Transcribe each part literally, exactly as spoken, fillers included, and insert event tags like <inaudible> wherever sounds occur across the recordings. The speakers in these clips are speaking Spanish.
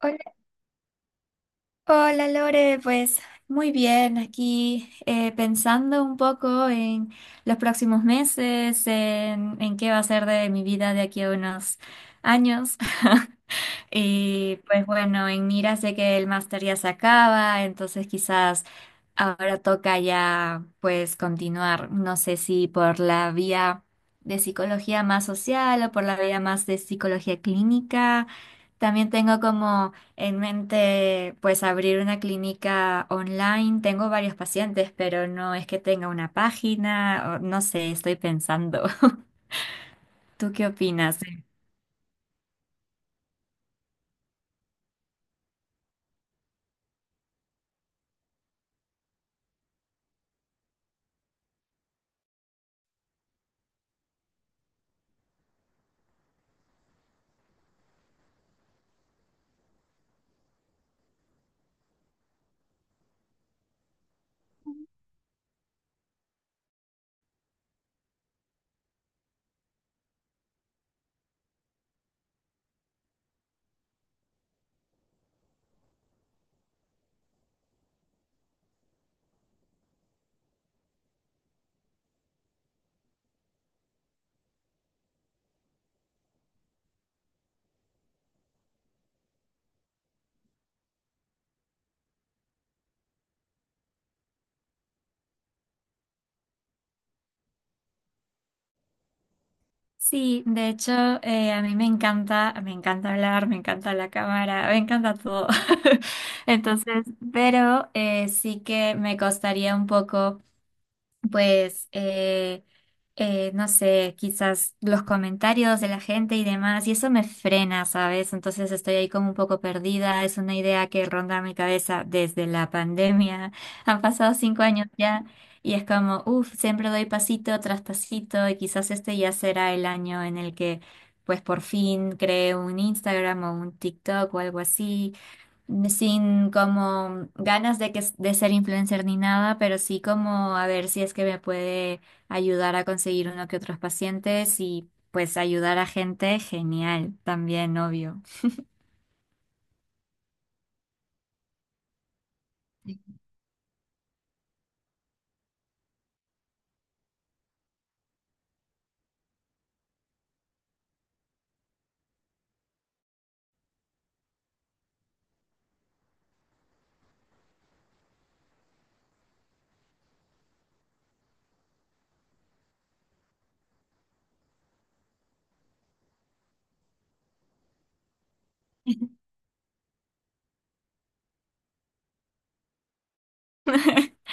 Hola, hola, Lore, pues muy bien, aquí eh, pensando un poco en los próximos meses, en, en qué va a ser de mi vida de aquí a unos años. <laughs> Y pues bueno, en Mira sé que el máster ya se acaba, entonces quizás ahora toca ya pues continuar, no sé si por la vía de psicología más social o por la vía más de psicología clínica. También tengo como en mente pues abrir una clínica online. Tengo varios pacientes, pero no es que tenga una página, o no sé, estoy pensando. <laughs> ¿Tú qué opinas? Sí, de hecho, eh, a mí me encanta, me encanta hablar, me encanta la cámara, me encanta todo. <laughs> Entonces, pero eh, sí que me costaría un poco pues, eh, eh, no sé, quizás los comentarios de la gente y demás, y eso me frena, ¿sabes? Entonces estoy ahí como un poco perdida, es una idea que ronda mi cabeza desde la pandemia, <laughs> han pasado cinco años ya, y es como, uff, siempre doy pasito tras pasito, y quizás este ya será el año en el que, pues, por fin cree un Instagram o un TikTok o algo así sin como ganas de que de ser influencer ni nada, pero sí como a ver si es que me puede ayudar a conseguir uno que otros pacientes y pues ayudar a gente, genial, también obvio. <laughs>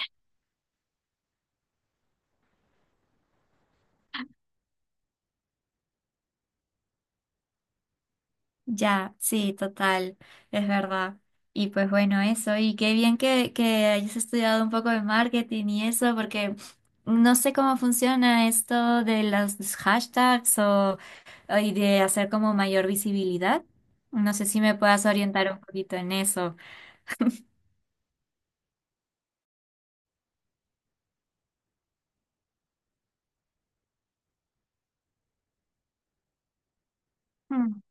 Ya, sí, total, es verdad. Y pues bueno, eso, y qué bien que, que hayas estudiado un poco de marketing y eso, porque no sé cómo funciona esto de los hashtags o, o y de hacer como mayor visibilidad. No sé si me puedas orientar un poquito en eso. Mm.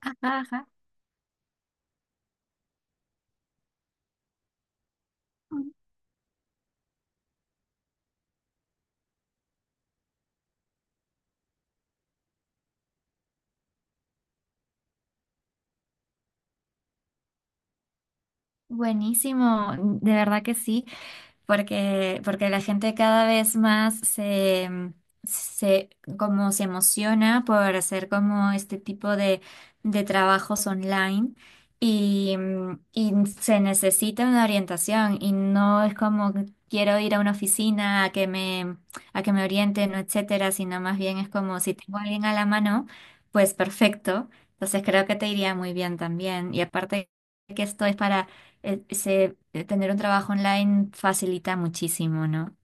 Ajá, ajá. Mm. Buenísimo, de verdad que sí. Porque, porque la gente cada vez más se, se, como se emociona por hacer como este tipo de, de trabajos online y, mm, y se necesita una orientación y no es como que quiero ir a una oficina a que me, a que me orienten, o etcétera, sino más bien es como si tengo a alguien a la mano, pues perfecto. Entonces creo que te iría muy bien también. Y aparte que esto es para eh, se- eh, tener un trabajo online facilita muchísimo, ¿no?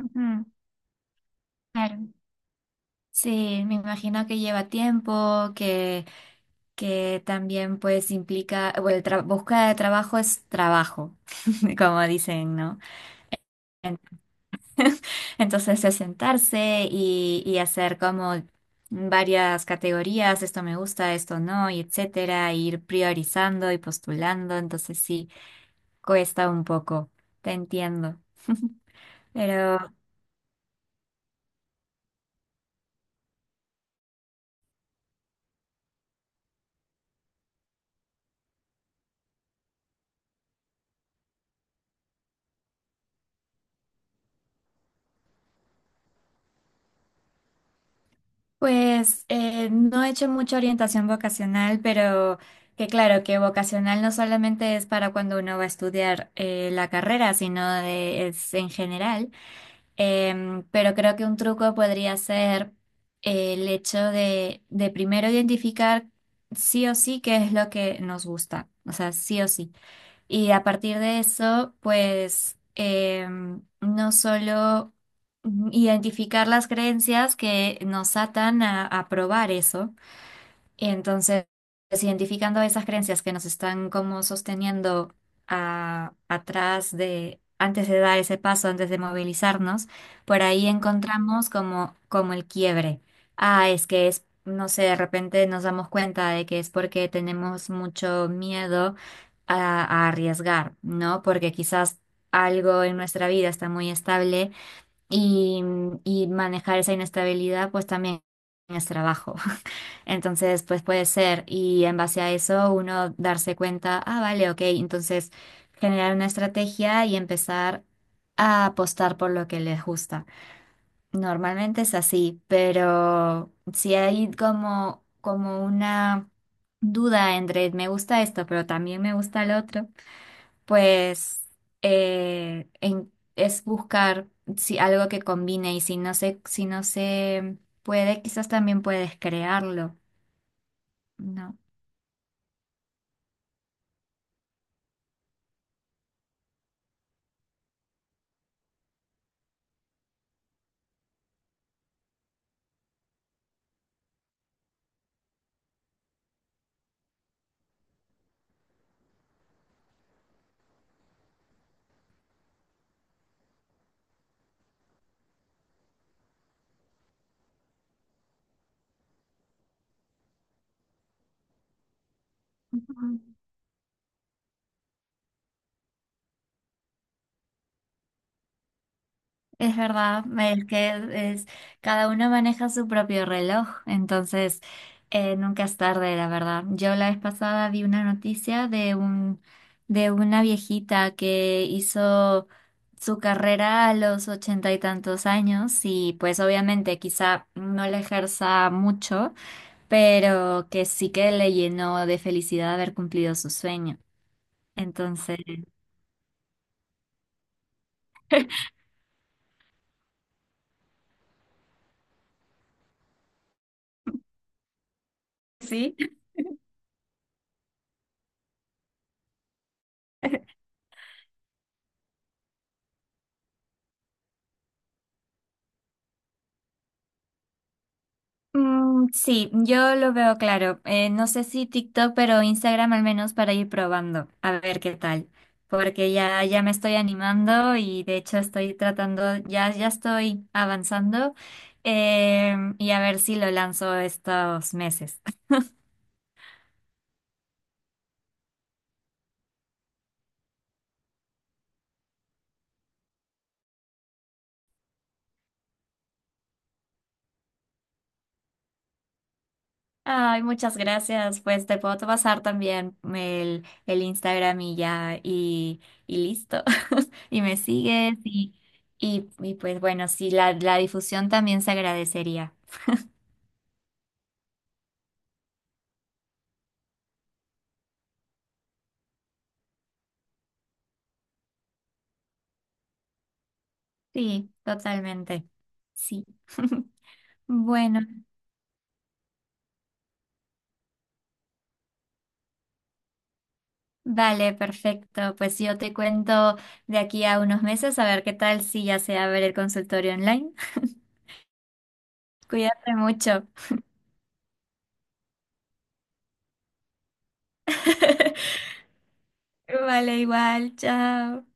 Ujú. Claro. Sí, me imagino que lleva tiempo, que, que también pues implica, bueno, el tra- búsqueda de trabajo es trabajo, <laughs> como dicen, ¿no? <laughs> Entonces es sentarse y, y hacer como varias categorías, esto me gusta, esto no, y etcétera, e ir priorizando y postulando, entonces sí, cuesta un poco, te entiendo. Pero pues eh, no he hecho mucha orientación vocacional, pero que claro, que vocacional no solamente es para cuando uno va a estudiar eh, la carrera, sino de- es en general. Em, pero creo que un truco podría ser eh, el hecho de, de primero identificar sí o sí qué es lo que nos gusta, o sea, sí o sí. Y a partir de eso, pues em, no solo identificar las creencias que nos atan a, a probar eso, entonces, identificando esas creencias que nos están como sosteniendo a- atrás de, antes de dar ese paso, antes de movilizarnos, por ahí encontramos como, como el quiebre. Ah, es que es, no sé, de repente nos damos cuenta de que es porque tenemos mucho miedo a, a arriesgar, ¿no? Porque quizás algo en nuestra vida está muy estable y, y manejar esa inestabilidad pues también es trabajo. <laughs> Entonces, pues puede ser, y en base a eso uno darse cuenta, ah, vale, ok, entonces generar una estrategia y empezar a apostar por lo que les gusta. Normalmente es así, pero si hay como, como una duda entre me gusta esto, pero también me gusta el otro, pues eh, en- es buscar si, algo que combine y si no se, si no se puede, quizás también puedes crearlo. ¿No? Ujú. Es verdad, es que es, cada uno maneja su propio reloj, entonces eh, nunca es tarde, la verdad. Yo la vez pasada vi una noticia de un, de una viejita que hizo su carrera a los ochenta y tantos años y pues obviamente quizá no la ejerza mucho, pero que sí que le llenó de felicidad haber cumplido su sueño. Entonces, sí. Mm, sí, yo lo veo claro. Eh, no sé si TikTok, pero Instagram al menos para ir probando, a ver qué tal. Porque ya, ya me estoy animando y de hecho estoy tratando, ya, ya estoy avanzando. Eh, y a ver si lo lanzo estos meses. <laughs> Ay, muchas gracias. Pues te puedo pasar también el, el Instagram y ya, y, y listo. <laughs> Y me sigues y, y, y pues bueno, sí, la, la difusión también se agradecería. Sí, totalmente. Sí. <laughs> Bueno, vale, perfecto. Pues yo te cuento de aquí a unos meses a ver qué tal si ya se abre el consultorio online. <laughs> Cuídate mucho. <laughs> Vale, igual, chao.